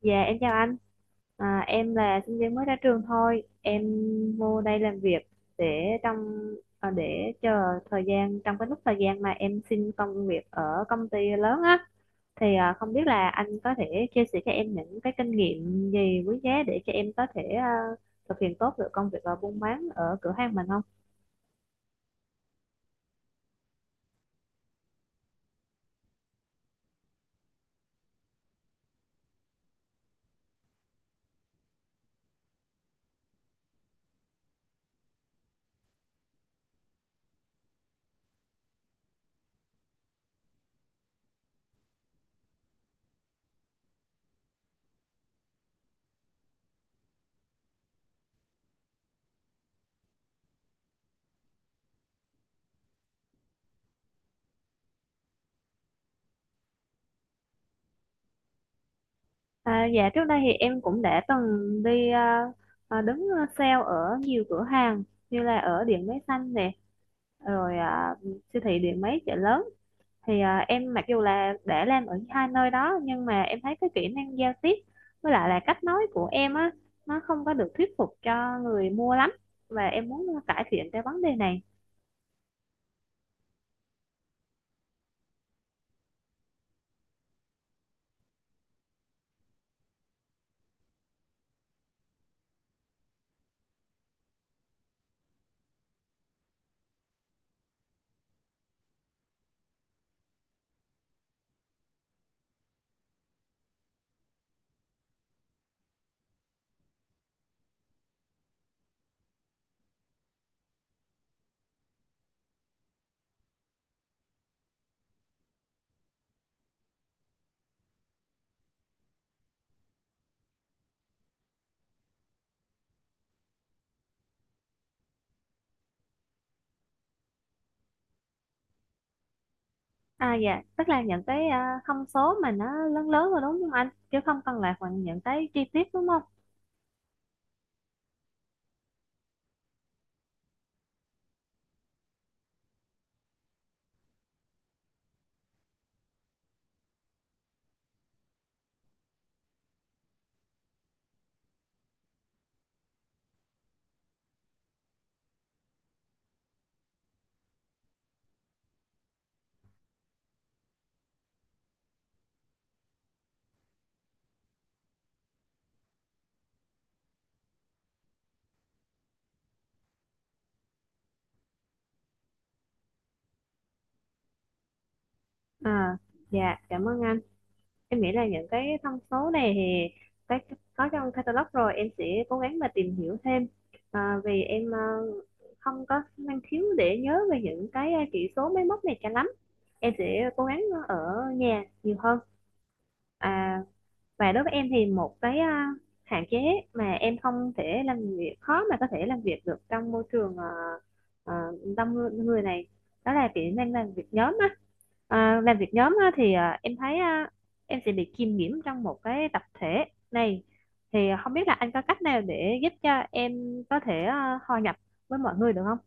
Dạ em chào anh. Em là sinh viên mới ra trường thôi, em vô đây làm việc để trong để chờ thời gian. Trong cái lúc thời gian mà em xin công việc ở công ty lớn á, không biết là anh có thể chia sẻ cho em những cái kinh nghiệm gì quý giá để cho em có thể thực hiện tốt được công việc ở buôn bán ở cửa hàng mình không? Dạ trước đây thì em cũng đã từng đi đứng sale ở nhiều cửa hàng, như là ở Điện Máy Xanh nè, rồi à, siêu thị Điện Máy chợ lớn. Em mặc dù là đã làm ở hai nơi đó nhưng mà em thấy cái kỹ năng giao tiếp với lại là cách nói của em á, nó không có được thuyết phục cho người mua lắm, và em muốn cải thiện cái vấn đề này. À dạ, tức là những cái thông số mà nó lớn lớn rồi đúng không anh, chứ không cần là những cái chi tiết đúng không? À dạ, cảm ơn anh. Em nghĩ là những cái thông số này thì cái có trong catalog rồi, em sẽ cố gắng mà tìm hiểu thêm. Vì em không có năng khiếu để nhớ về những cái chỉ số máy móc này cho lắm. Em sẽ cố gắng ở nhà nhiều hơn. à, và đối với em thì một cái hạn chế mà em không thể làm việc, khó mà có thể làm việc được trong môi trường ờ, đông người người này, đó là kỹ năng làm việc nhóm á. À, làm việc nhóm á, em thấy em sẽ bị kiêm nhiễm trong một cái tập thể này. Thì không biết là anh có cách nào để giúp cho em có thể hòa nhập với mọi người được không?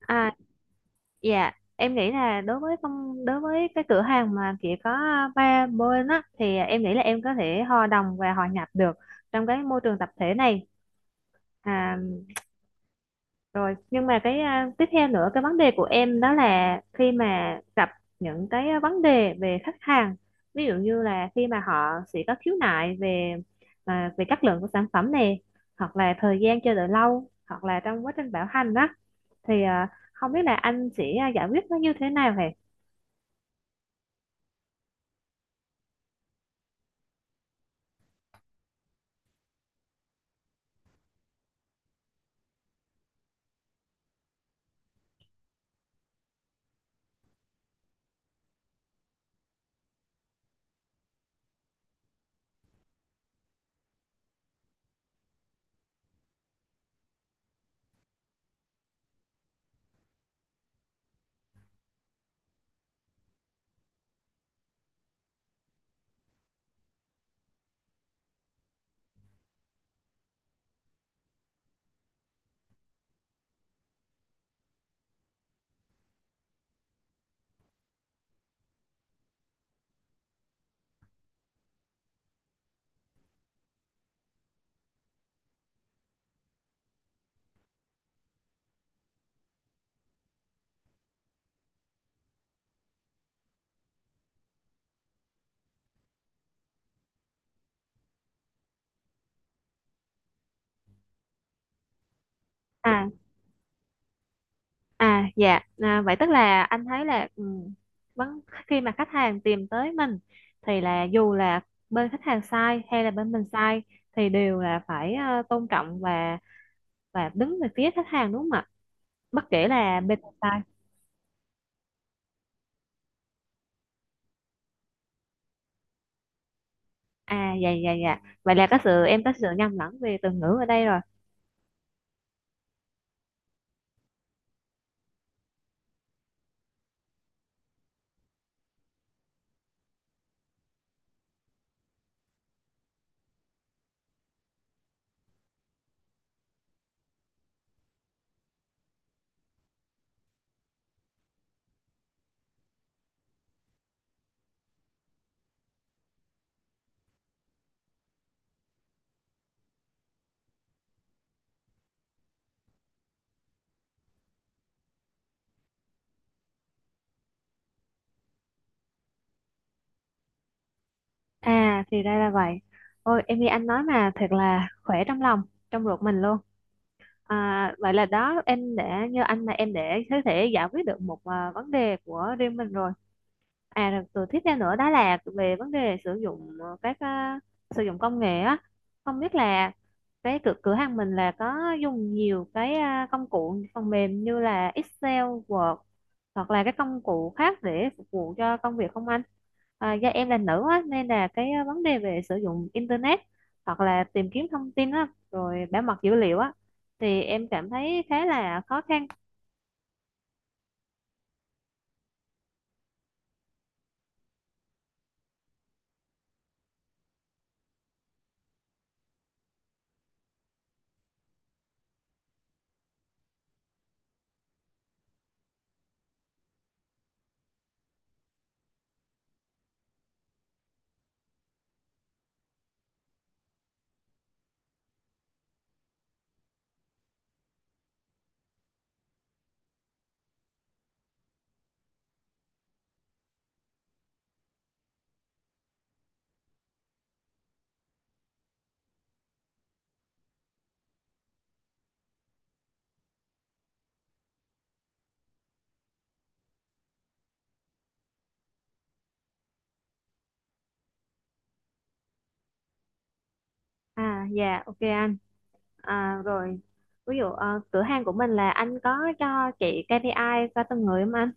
À, dạ, em nghĩ là đối với đối với cái cửa hàng mà chỉ có ba bên á, thì em nghĩ là em có thể hòa đồng và hòa nhập được trong cái môi trường tập thể này. À, rồi nhưng mà tiếp theo nữa, cái vấn đề của em đó là khi mà gặp những cái vấn đề về khách hàng, ví dụ như là khi mà họ sẽ có khiếu nại về về chất lượng của sản phẩm này, hoặc là thời gian chờ đợi lâu, hoặc là trong quá trình bảo hành đó, thì à, không biết là anh sẽ giải quyết nó như thế nào hề? À, à dạ, vậy tức là anh thấy là vấn khi mà khách hàng tìm tới mình, thì là dù là bên khách hàng sai hay là bên mình sai, thì đều là phải tôn trọng và đứng về phía khách hàng đúng không ạ, bất kể là bên mình sai? À dạ, dạ, dạ, vậy là có sự, em có sự nhầm lẫn về từ ngữ ở đây rồi. À, thì ra là vậy. Ôi em nghe anh nói mà thật là khỏe trong lòng, trong ruột mình luôn. À, vậy là đó em để như anh là em để có thể giải quyết được một vấn đề của riêng mình rồi. À rồi, tôi tiếp theo nữa đó là về vấn đề sử dụng sử dụng công nghệ á. Không biết là cái cửa cửa hàng mình là có dùng nhiều cái công cụ phần mềm như là Excel, Word, hoặc là các công cụ khác để phục vụ cho công việc không anh? À, do em là nữ á nên là cái vấn đề về sử dụng internet hoặc là tìm kiếm thông tin á, rồi bảo mật dữ liệu á, thì em cảm thấy khá là khó khăn. À dạ, ok anh. Rồi ví dụ cửa hàng của mình là anh có cho chị KPI cho từng người không anh?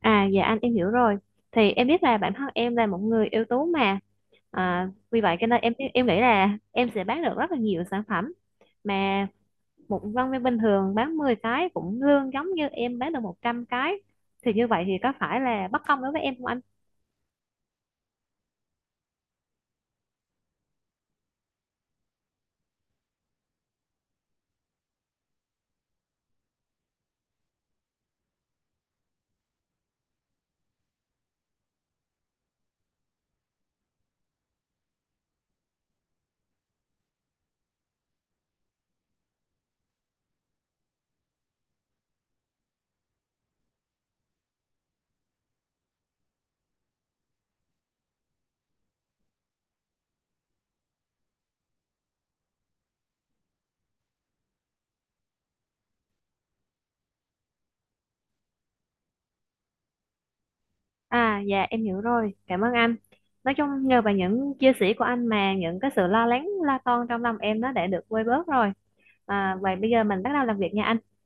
À dạ anh, em hiểu rồi. Thì em biết là bản thân em là một người ưu tú mà. Vì vậy cho nên em nghĩ là em sẽ bán được rất là nhiều sản phẩm, mà một nhân viên bình thường bán 10 cái cũng lương giống như em bán được 100 cái, thì như vậy thì có phải là bất công đối với em không? À dạ, em hiểu rồi, cảm ơn anh. Nói chung nhờ vào những chia sẻ của anh mà những cái sự lo lắng, lo toan trong lòng em nó đã được vơi bớt rồi. À, vậy bây giờ mình bắt đầu làm việc nha anh.